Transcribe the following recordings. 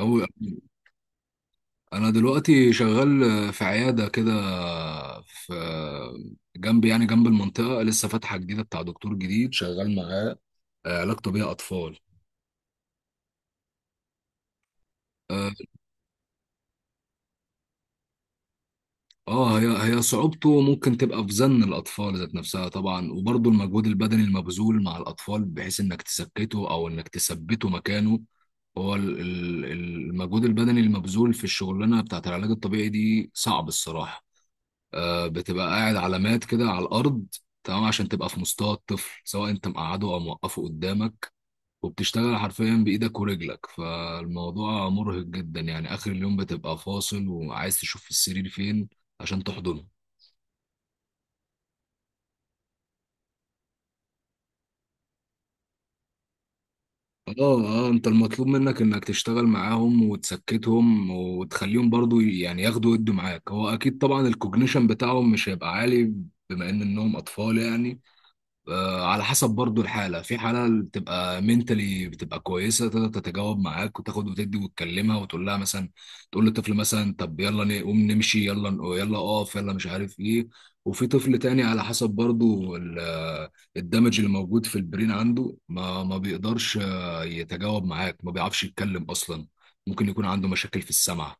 أو أنا دلوقتي شغال في عيادة كده، في يعني جنب المنطقة، لسه فاتحة جديدة، بتاع دكتور جديد شغال معاه علاج طبيعي أطفال. اه آه، هي هي صعوبته ممكن تبقى في زن الأطفال ذات نفسها طبعا، وبرضه المجهود البدني المبذول مع الأطفال، بحيث إنك تسكته أو إنك تثبته مكانه. هو المجهود البدني المبذول في الشغلانة بتاعت العلاج الطبيعي دي صعب الصراحة. بتبقى قاعد علامات كده على الارض، تمام، عشان تبقى في مستوى الطفل سواء انت مقعده او موقفه قدامك، وبتشتغل حرفيا بايدك ورجلك، فالموضوع مرهق جدا، يعني اخر اليوم بتبقى فاصل وعايز تشوف السرير فين عشان تحضنه. اه، اه انت المطلوب منك انك تشتغل معاهم وتسكتهم وتخليهم برضو يعني ياخدوا يدوا معاك. هو اكيد طبعا الكوجنيشن بتاعهم مش هيبقى عالي بما ان انهم اطفال يعني. على حسب برضو الحالة، في حالة اللي بتبقى منتلي بتبقى كويسة، تقدر تتجاوب معاك وتاخد وتدي، وتكلمها وتقول لها مثلا، تقول للطفل مثلا طب يلا نقوم نمشي، يلا يلا اقف، يلا مش عارف ايه. وفي طفل تاني على حسب برضو الدمج اللي موجود في البرين عنده، ما بيقدرش يتجاوب معاك، ما بيعرفش يتكلم أصلا، ممكن يكون عنده مشاكل في السمع،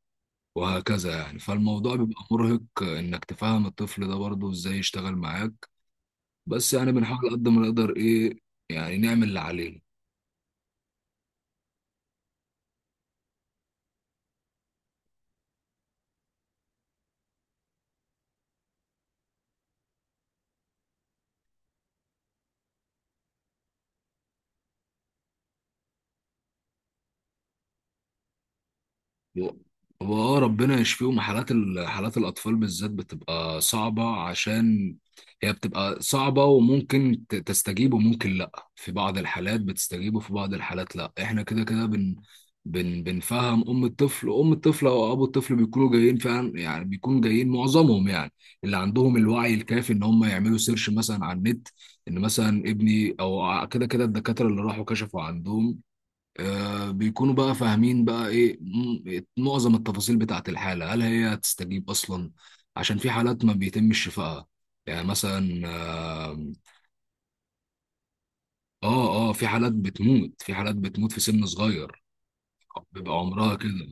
وهكذا يعني. فالموضوع بيبقى مرهق انك تفهم الطفل ده برضو ازاي يشتغل معاك. بس يعني بنحاول قد ما نقدر ايه، يعني نعمل اللي علينا. هو هو اه، ربنا يشفيهم. حالات حالات الاطفال بالذات بتبقى صعبه، عشان هي بتبقى صعبه وممكن تستجيب وممكن لا. في بعض الحالات بتستجيب، وفي بعض الحالات لا. احنا كده كده بن بن بنفهم ام الطفل، وام الطفل او ابو الطفل بيكونوا جايين فعلا، يعني بيكونوا جايين معظمهم، يعني اللي عندهم الوعي الكافي ان هم يعملوا سيرش مثلا على النت، ان مثلا ابني او كده كده الدكاتره اللي راحوا كشفوا عندهم، بيكونوا بقى فاهمين بقى ايه معظم التفاصيل بتاعة الحالة، هل هي هتستجيب اصلا؟ عشان في حالات ما بيتمش شفائها، يعني مثلا اه. اه، في حالات بتموت، في حالات بتموت في سن صغير، بيبقى عمرها كده.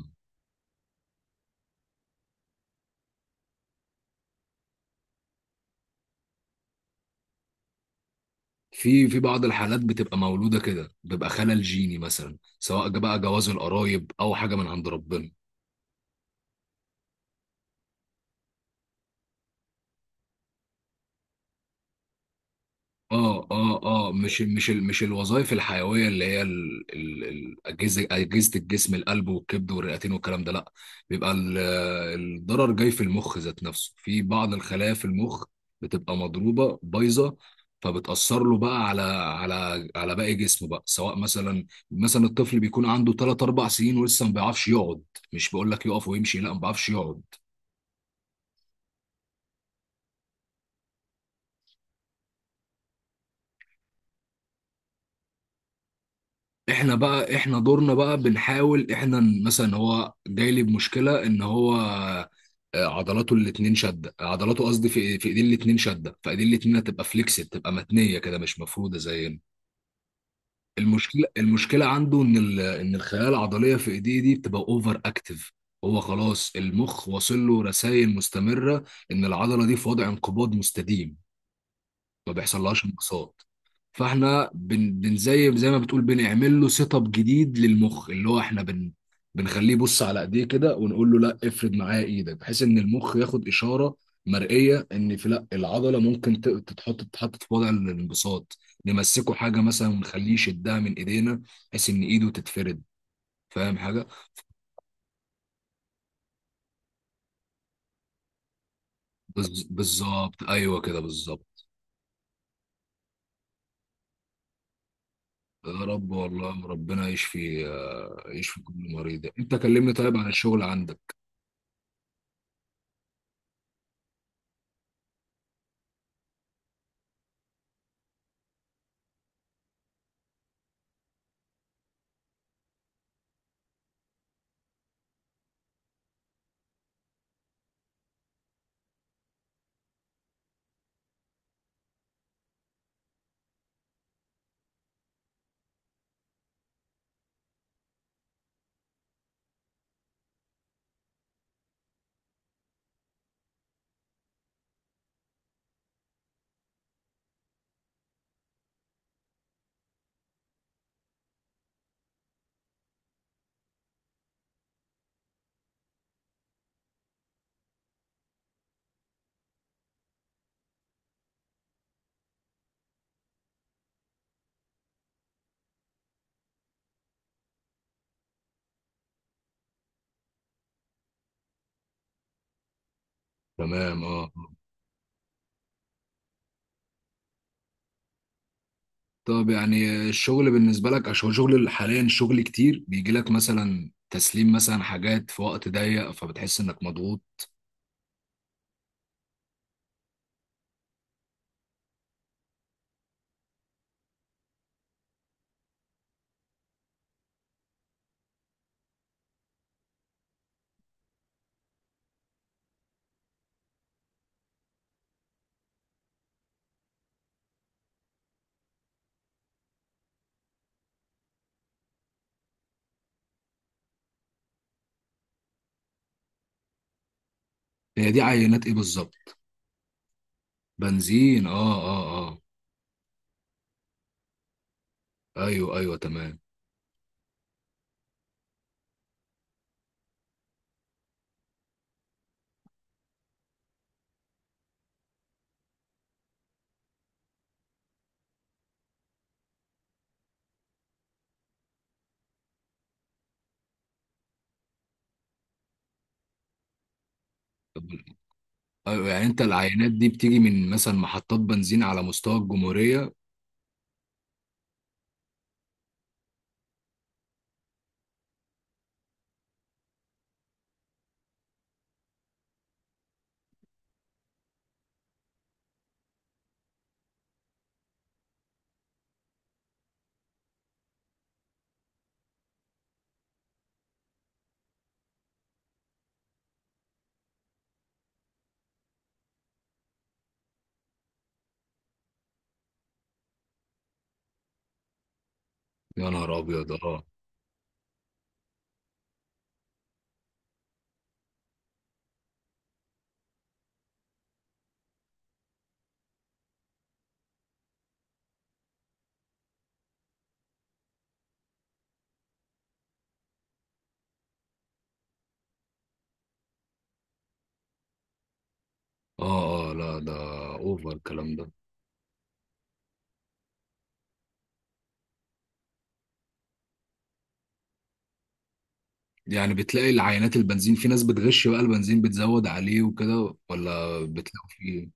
في بعض الحالات بتبقى مولودة كده، بيبقى خلل جيني مثلا، سواء بقى جواز القرايب او حاجة من عند ربنا. اه، مش الوظائف الحيويه، اللي هي الاجهزه، اجهزه الجسم، القلب والكبد والرئتين والكلام ده، لا. بيبقى ال- الضرر جاي في المخ ذات نفسه، في بعض الخلايا في المخ بتبقى مضروبه بايظه، فبتاثر له بقى على على باقي جسمه بقى. سواء مثلا، الطفل بيكون عنده 3 4 سنين ولسه ما بيعرفش يقعد، مش بقول لك يقف ويمشي، لا، ما بيعرفش يقعد. احنا بقى احنا دورنا بقى، بنحاول احنا مثلا، هو جاي لي بمشكله ان هو عضلاته الاتنين شده، عضلاته قصدي في ايدين الاتنين شده، فايدين الاتنين هتبقى فليكسد، تبقى متنيه كده مش مفروده زينا. المشكله عنده ان ان الخلايا العضليه في ايديه دي بتبقى اوفر اكتف. هو خلاص المخ واصل له رسائل مستمره ان العضله دي في وضع انقباض مستديم، ما بيحصلهاش انبساط. فاحنا بن بن زي ما بتقول، بنعمل له سيت اب جديد للمخ، اللي هو احنا بنخليه يبص على ايديه كده ونقول له لا، افرد معاه ايدك، بحيث ان المخ ياخد اشاره مرئيه ان في، لا، العضله ممكن تتحط في وضع الانبساط. نمسكه حاجه مثلا ونخليه يشدها من ايدينا، بحيث ان ايده تتفرد. فاهم حاجه؟ بالظبط، ايوه كده، بالظبط. يا رب، والله ربنا يشفي كل مريض. انت كلمني طيب عن الشغل عندك. تمام، اه، آه. طب يعني الشغل بالنسبة لك، عشان شغل حاليا، شغل كتير بيجي لك مثلا، تسليم مثلا حاجات في وقت ضيق، فبتحس انك مضغوط؟ هي دي عينات ايه بالظبط؟ بنزين؟ اه، اه. اه، ايوه، ايوه، تمام. طب- ايوه، يعني انت العينات دي بتيجي من مثلا محطات بنزين على مستوى الجمهورية؟ يا نهار ابيض، اه. اه، لا ده اوفر الكلام ده. يعني بتلاقي العينات البنزين في ناس بتغش بقى البنزين بتزود عليه وكده، ولا بتلاقي فيه؟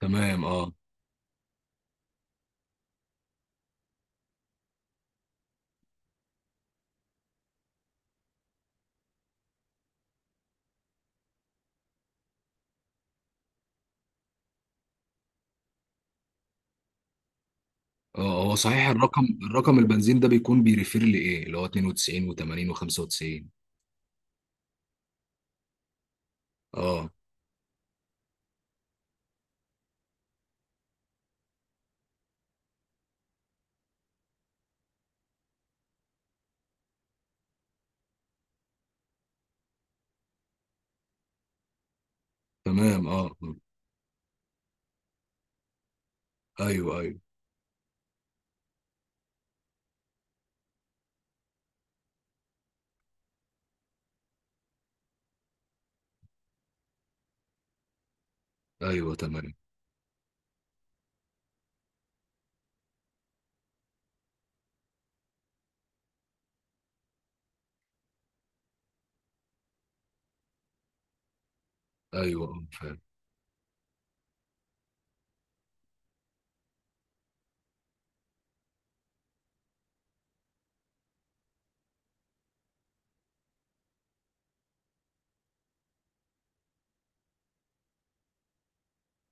تمام، اه، اه. هو صحيح، الرقم البنزين ده بيكون بيريفير لايه، اللي هو 92 و80 و95؟ اه، تمام، اه، ايوه، ايوه، ايوه، تمام، ايوه، اه فعلا.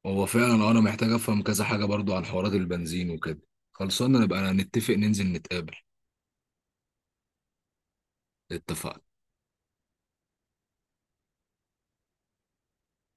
هو فعلا، انا محتاج افهم كذا حاجه برضو عن حوارات البنزين وكده. خلصنا نبقى نتفق ننزل نتقابل. اتفقنا.